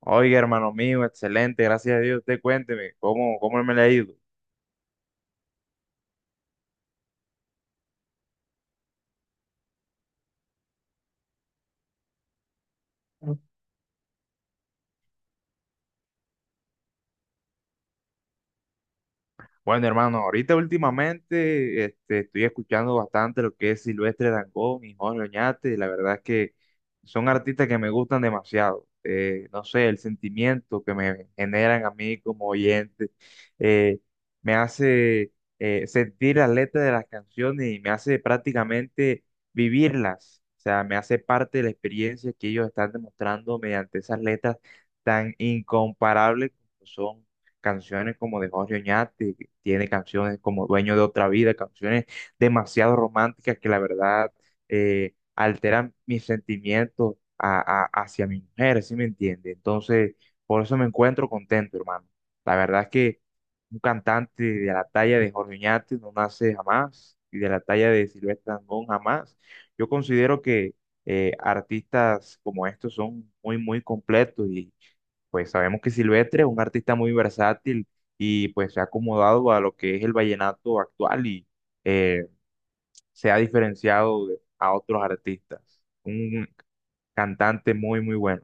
Oiga, hermano mío, excelente, gracias a Dios. Usted cuénteme, ¿cómo me le ha ido? Bueno, hermano, ahorita últimamente estoy escuchando bastante lo que es Silvestre Dangond y Jorge Oñate. La verdad es que son artistas que me gustan demasiado. No sé, el sentimiento que me generan a mí como oyente eh, me hace sentir las letras de las canciones y me hace prácticamente vivirlas. O sea, me hace parte de la experiencia que ellos están demostrando mediante esas letras tan incomparables como son canciones como de Jorge Oñate, tiene canciones como Dueño de otra vida, canciones demasiado románticas que la verdad alteran mis sentimientos hacia mi mujer, ¿sí me entiende? Entonces, por eso me encuentro contento, hermano. La verdad es que un cantante de la talla de Jorge Oñate no nace jamás y de la talla de Silvestre Dangond jamás. Yo considero que artistas como estos son muy, muy completos y pues sabemos que Silvestre es un artista muy versátil y pues se ha acomodado a lo que es el vallenato actual y eh, se ha diferenciado a otros artistas. Un cantante muy, muy bueno.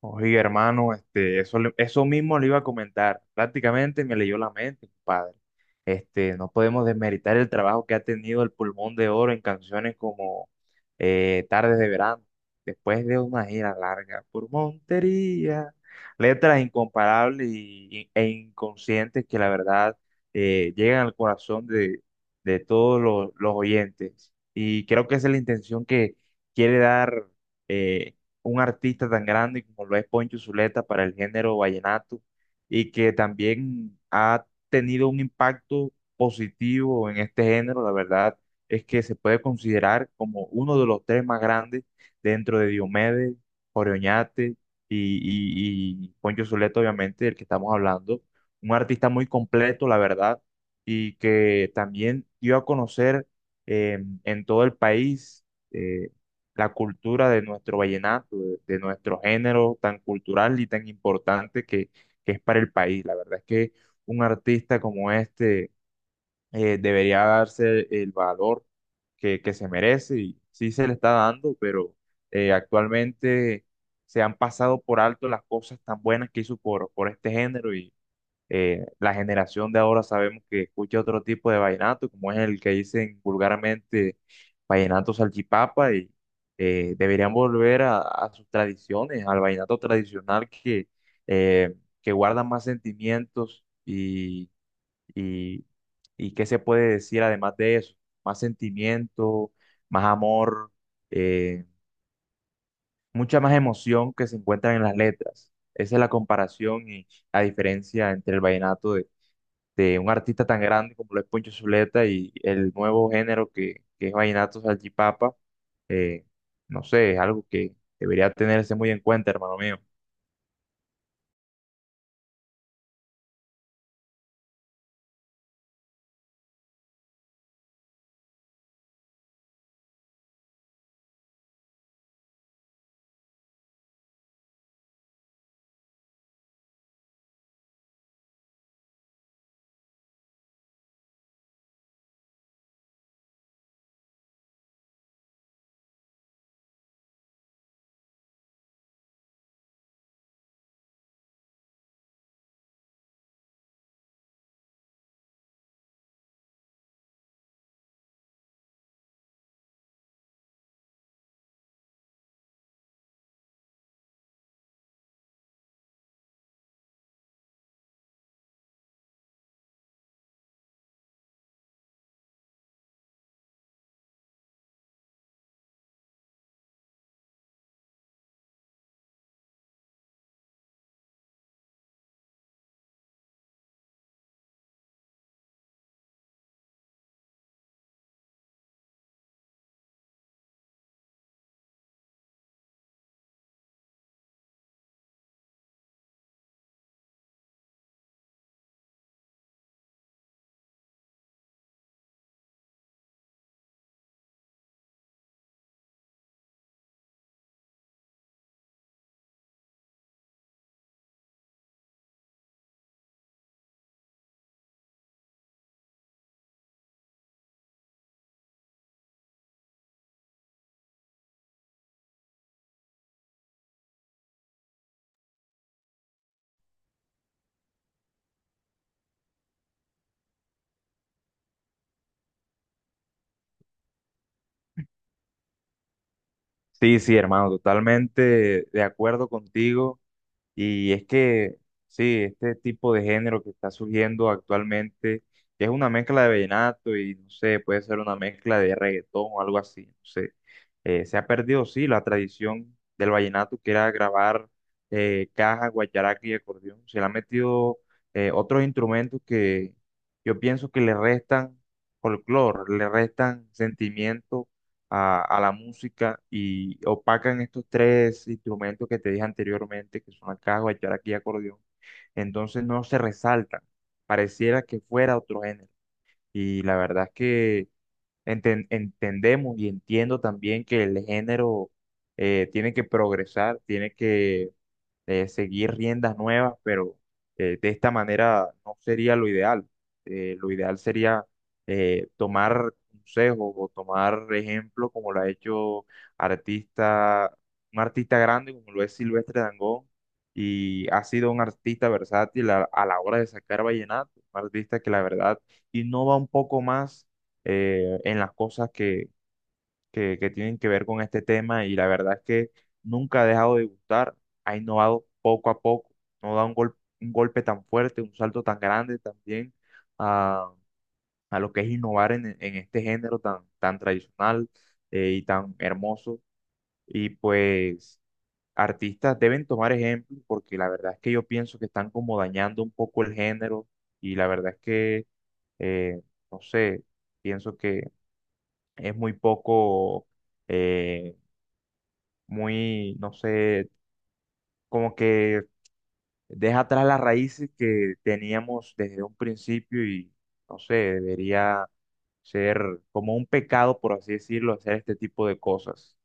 Oye, hermano, eso, eso mismo le iba a comentar. Prácticamente me leyó la mente, padre. Este, no podemos desmeritar el trabajo que ha tenido el Pulmón de Oro en canciones como Tardes de Verano, después de una gira larga por Montería, letras incomparables e inconscientes que la verdad llegan al corazón de todos los oyentes. Y creo que esa es la intención que quiere dar. eh, un artista tan grande como lo es Poncho Zuleta para el género vallenato y que también ha tenido un impacto positivo en este género. La verdad es que se puede considerar como uno de los tres más grandes dentro de Diomedes, Jorge Oñate y Poncho Zuleta, obviamente, del que estamos hablando. Un artista muy completo, la verdad, y que también dio a conocer en todo el país. eh, la cultura de nuestro vallenato, de nuestro género tan cultural y tan importante que es para el país. La verdad es que un artista como este debería darse el valor que se merece y sí se le está dando, pero actualmente se han pasado por alto las cosas tan buenas que hizo por este género. La generación de ahora sabemos que escucha otro tipo de vallenato, como es el que dicen vulgarmente vallenato salchipapa, y deberían volver a sus tradiciones, al vallenato tradicional eh, que guarda más sentimientos y, y qué se puede decir además de eso, más sentimiento, más amor, eh, mucha más emoción que se encuentra en las letras. Esa es la comparación y la diferencia entre el vallenato de un artista tan grande como lo es Poncho Zuleta y el nuevo género que es Vallenato Salchipapa, eh, no sé, es algo que debería tenerse muy en cuenta, hermano mío. Sí, sí, hermano, totalmente de acuerdo contigo. Y es que, sí, este tipo de género que está surgiendo actualmente es una mezcla de vallenato y, no sé, puede ser una mezcla de reggaetón o algo así, no sé. Se ha perdido, sí, la tradición del vallenato que era grabar caja, guacharaca y acordeón. Se le han metido otros instrumentos que yo pienso que le restan folclore, le restan sentimiento a la música y opacan estos tres instrumentos que te dije anteriormente, que son el caja, el aquí y acordeón. Entonces no se resaltan, pareciera que fuera otro género. Y la verdad es que entendemos y entiendo también que el género tiene que progresar, tiene que seguir riendas nuevas, pero de esta manera no sería lo ideal. Lo ideal sería tomar consejos o tomar ejemplo como lo ha hecho artista, un artista grande como lo es Silvestre Dangond y ha sido un artista versátil a la hora de sacar vallenato, un artista que la verdad innova un poco más en las cosas que tienen que ver con este tema y la verdad es que nunca ha dejado de gustar, ha innovado poco a poco, no da un un golpe tan fuerte, un salto tan grande también a, a lo que es innovar en este género tan, tan tradicional y tan hermoso. Y pues artistas deben tomar ejemplo porque la verdad es que yo pienso que están como dañando un poco el género y la verdad es que, eh, no sé, pienso que es muy poco... eh, muy, no sé, como que deja atrás las raíces que teníamos desde un principio y, no sé, debería ser como un pecado, por así decirlo, hacer este tipo de cosas.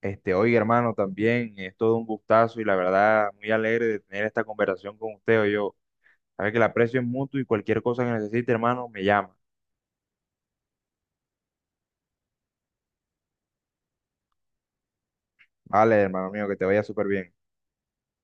Este, oye, hermano, también es todo un gustazo y la verdad muy alegre de tener esta conversación con usted. Yo, sabe que el aprecio es mutuo y cualquier cosa que necesite, hermano, me llama. Vale, hermano mío, que te vaya súper bien.